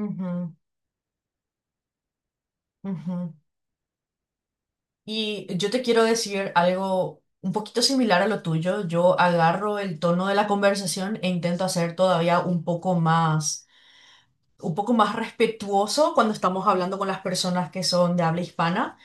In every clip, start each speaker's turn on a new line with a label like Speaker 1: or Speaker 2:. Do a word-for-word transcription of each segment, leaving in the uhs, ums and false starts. Speaker 1: Ujú, ujú. Y yo te quiero decir algo un poquito similar a lo tuyo. Yo agarro el tono de la conversación e intento hacer todavía un poco más, un poco más respetuoso cuando estamos hablando con las personas que son de habla hispana.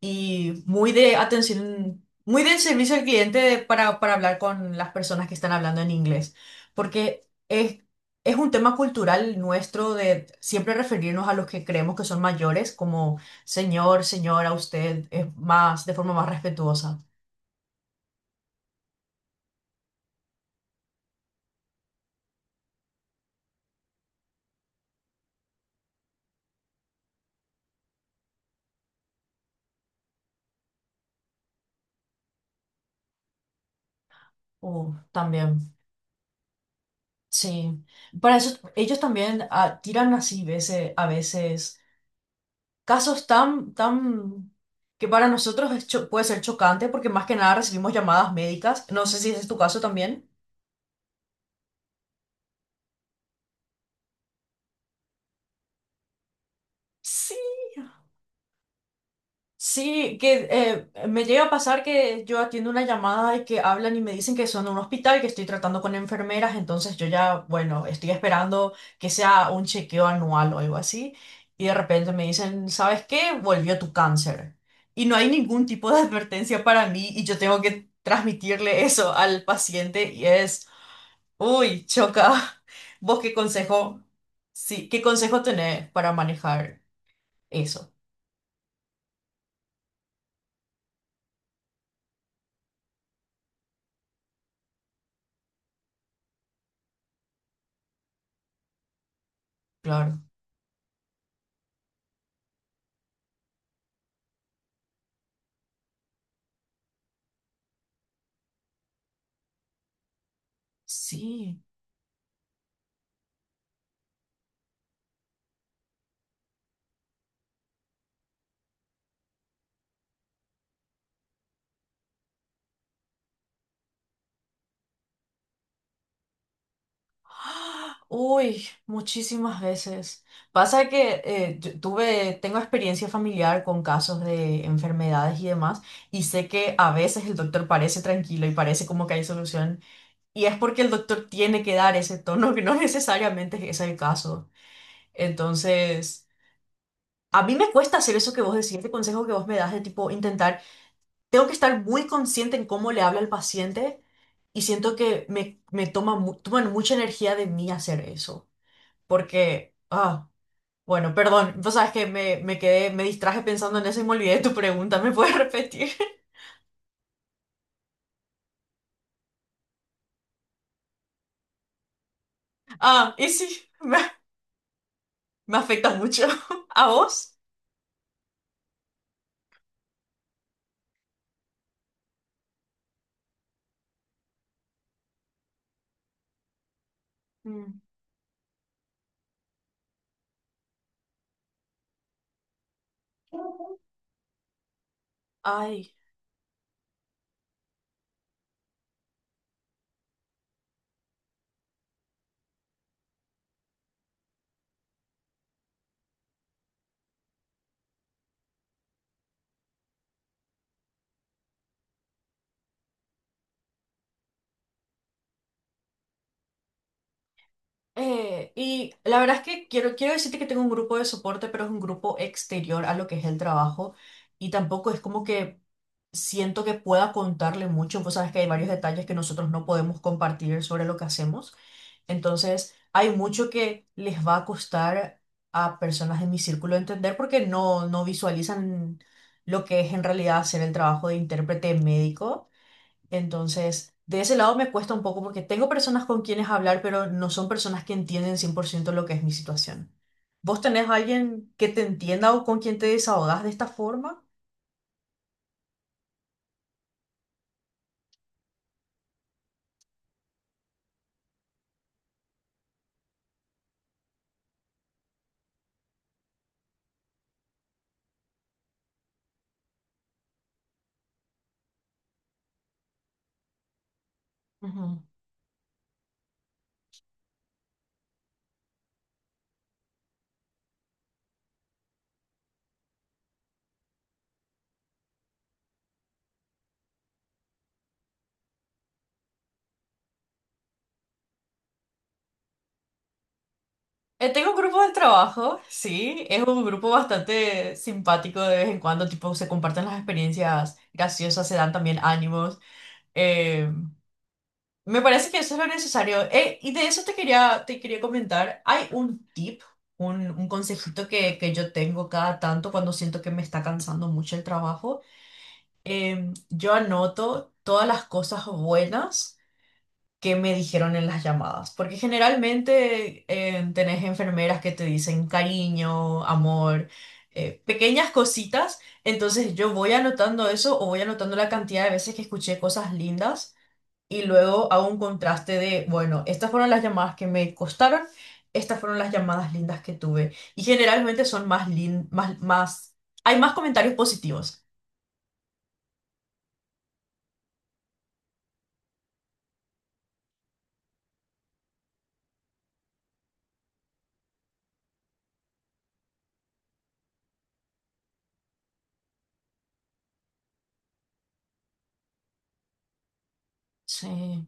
Speaker 1: Y muy de atención, muy del servicio al cliente para, para hablar con las personas que están hablando en inglés, porque es, es un tema cultural nuestro de siempre referirnos a los que creemos que son mayores como señor, señora, usted, es más, de forma más respetuosa. Uh, también, sí. Para eso, ellos también ah, tiran así veces, a veces. Casos tan, tan, que para nosotros es cho- puede ser chocante porque más que nada recibimos llamadas médicas. No sé si ese es tu caso también. Sí. Sí, que eh, me llega a pasar que yo atiendo una llamada y que hablan y me dicen que son de un hospital, que estoy tratando con enfermeras, entonces yo ya, bueno, estoy esperando que sea un chequeo anual o algo así, y de repente me dicen, ¿sabes qué? Volvió tu cáncer. Y no hay ningún tipo de advertencia para mí y yo tengo que transmitirle eso al paciente y es... Uy, choca. ¿Vos qué consejo? Sí, ¿qué consejo tenés para manejar eso? Claro. Sí. ¡Ah! Uy, muchísimas veces. Pasa que eh, yo tuve, tengo experiencia familiar con casos de enfermedades y demás, y sé que a veces el doctor parece tranquilo y parece como que hay solución, y es porque el doctor tiene que dar ese tono que no necesariamente es el caso. Entonces, a mí me cuesta hacer eso que vos decís, este consejo que vos me das de tipo intentar... Tengo que estar muy consciente en cómo le habla al paciente y siento que me, me toma, mu- toman mucha energía de mí hacer eso. Porque, ah, bueno, perdón, vos sabes que me, me quedé, me distraje pensando en eso y me olvidé de tu pregunta. ¿Me puedes repetir? Ah, y sí, me, me afecta mucho. ¿A vos? Mm. Ay. Eh, y la verdad es que quiero, quiero decirte que tengo un grupo de soporte, pero es un grupo exterior a lo que es el trabajo, y tampoco es como que siento que pueda contarle mucho. Vos sabes que hay varios detalles que nosotros no podemos compartir sobre lo que hacemos. Entonces, hay mucho que les va a costar a personas de mi círculo entender porque no, no visualizan lo que es en realidad hacer el trabajo de intérprete médico. Entonces, de ese lado me cuesta un poco porque tengo personas con quienes hablar, pero no son personas que entienden cien por ciento lo que es mi situación. ¿Vos tenés alguien que te entienda o con quien te desahogás de esta forma? Ujú. Eh, tengo un grupo de trabajo, sí, es un grupo bastante simpático de vez en cuando, tipo se comparten las experiencias graciosas, se dan también ánimos. Me parece que eso es lo necesario. Eh, y de eso te quería, te quería comentar. Hay un tip, un, un consejito que, que yo tengo cada tanto cuando siento que me está cansando mucho el trabajo. Em, yo anoto todas las cosas buenas que me dijeron en las llamadas, porque generalmente em, tenés enfermeras que te dicen cariño, amor, eh, pequeñas cositas. Entonces yo voy anotando eso o voy anotando la cantidad de veces que escuché cosas lindas y luego hago un contraste de, bueno, estas fueron las llamadas que me costaron, estas fueron las llamadas lindas que tuve. Y generalmente son más lin, más, más, hay más comentarios positivos. Sí,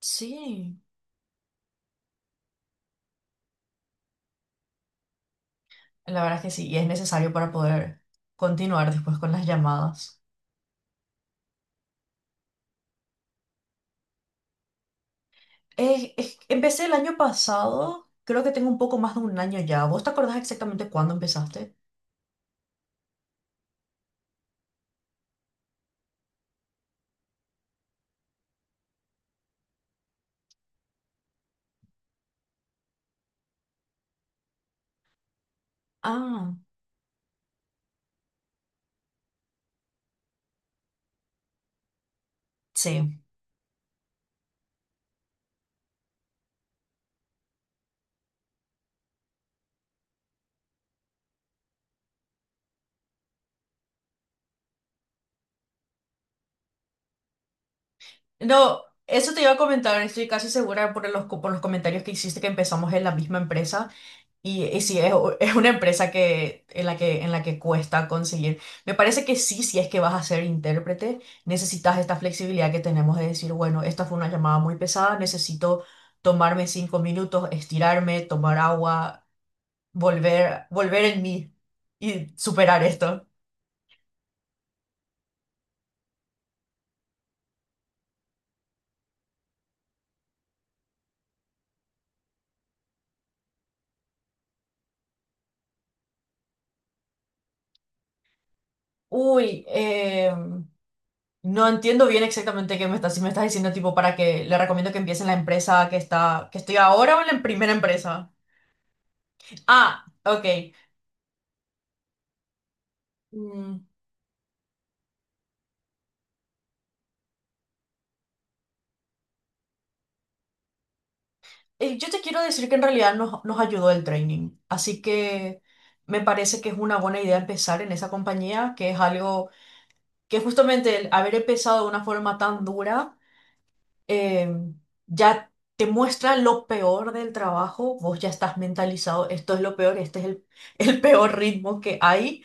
Speaker 1: sí, la verdad es que sí, y es necesario para poder continuar después con las llamadas. Eh, eh, empecé el año pasado, creo que tengo un poco más de un año ya. ¿Vos te acordás exactamente cuándo empezaste? Ah, sí. No, eso te iba a comentar, estoy casi segura por los, co- por los comentarios que hiciste que empezamos en la misma empresa. Y, y sí, es, u- es una empresa que, en la que, en la que cuesta conseguir. Me parece que sí, si es que vas a ser intérprete, necesitas esta flexibilidad que tenemos de decir, bueno, esta fue una llamada muy pesada, necesito tomarme cinco minutos, estirarme, tomar agua, volver, volver en mí y superar esto. Uy, no entiendo bien exactamente qué me estás, si me estás diciendo tipo para que le recomiendo que empiece en la empresa que está, que estoy ahora o en la primera empresa. Ah, ok. Mm, eh, yo te quiero decir que en realidad nos, nos ayudó el training, así que me parece que es una buena idea empezar en esa compañía, que es algo que justamente el haber empezado de una forma tan dura eh, ya te muestra lo peor del trabajo, vos ya estás mentalizado, esto es lo peor, este es el, el peor ritmo que hay.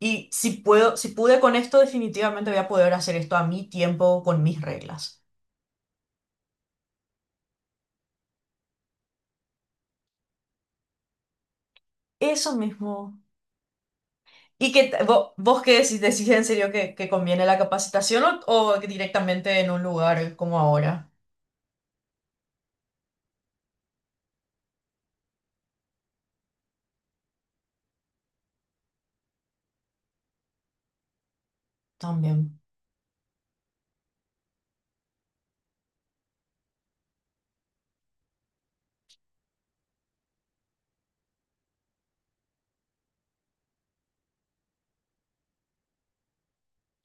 Speaker 1: Y si puedo, si pude con esto, definitivamente voy a poder hacer esto a mi tiempo, con mis reglas. Eso mismo. ¿Y que vos, vos qué decís? ¿Decís en serio que, que conviene la capacitación o, o directamente en un lugar como ahora? También.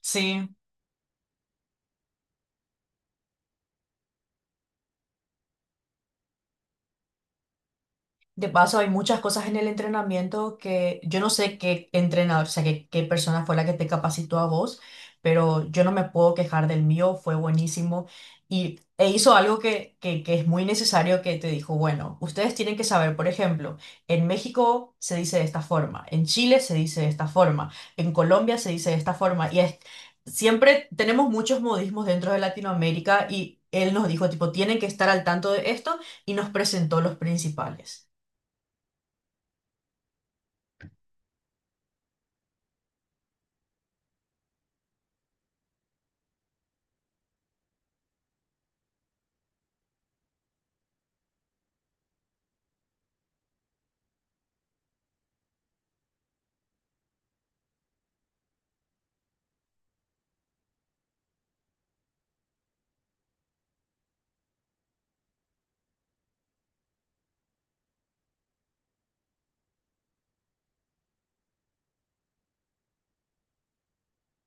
Speaker 1: Sí. De paso, hay muchas cosas en el entrenamiento que yo no sé qué entrenador, o sea, qué, qué persona fue la que te capacitó a vos, pero yo no me puedo quejar del mío, fue buenísimo. Y e hizo algo que, que, que es muy necesario, que te dijo, bueno, ustedes tienen que saber, por ejemplo, en México se dice de esta forma, en Chile se dice de esta forma, en Colombia se dice de esta forma, y es, siempre tenemos muchos modismos dentro de Latinoamérica y él nos dijo, tipo, tienen que estar al tanto de esto y nos presentó los principales.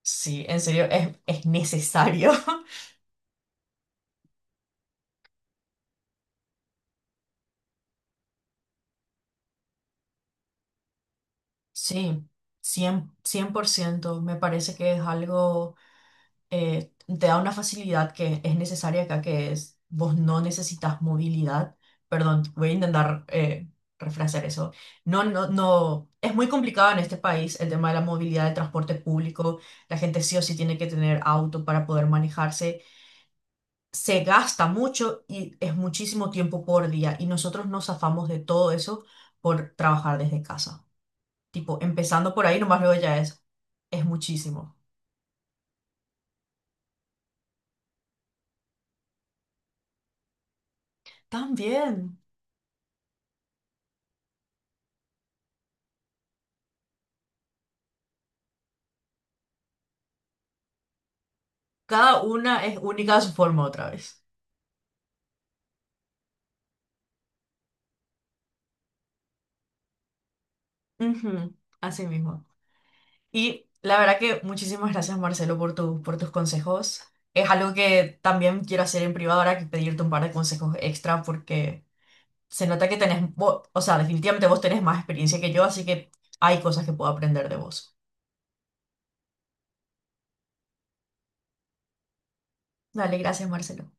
Speaker 1: Sí, en serio, es, es necesario. Sí, cien cien por ciento Me parece que es algo, eh, te da una facilidad que es necesaria acá, que es, vos no necesitas movilidad. Perdón, voy a intentar eh, refrasear eso. No, no, no, es muy complicado en este país el tema de la movilidad de transporte público. La gente sí o sí tiene que tener auto para poder manejarse. Se gasta mucho y es muchísimo tiempo por día y nosotros nos zafamos de todo eso por trabajar desde casa. Tipo, empezando por ahí, nomás luego ya es, es muchísimo. También, cada una es única a su forma otra vez. Ujú, así mismo. Y la verdad que muchísimas gracias, Marcelo, por tu, por tus consejos. Es algo que también quiero hacer en privado ahora que pedirte un par de consejos extra porque... se nota que tenés, vo- o sea, definitivamente vos tenés más experiencia que yo, así que hay cosas que puedo aprender de vos. Dale, gracias, Marcelo.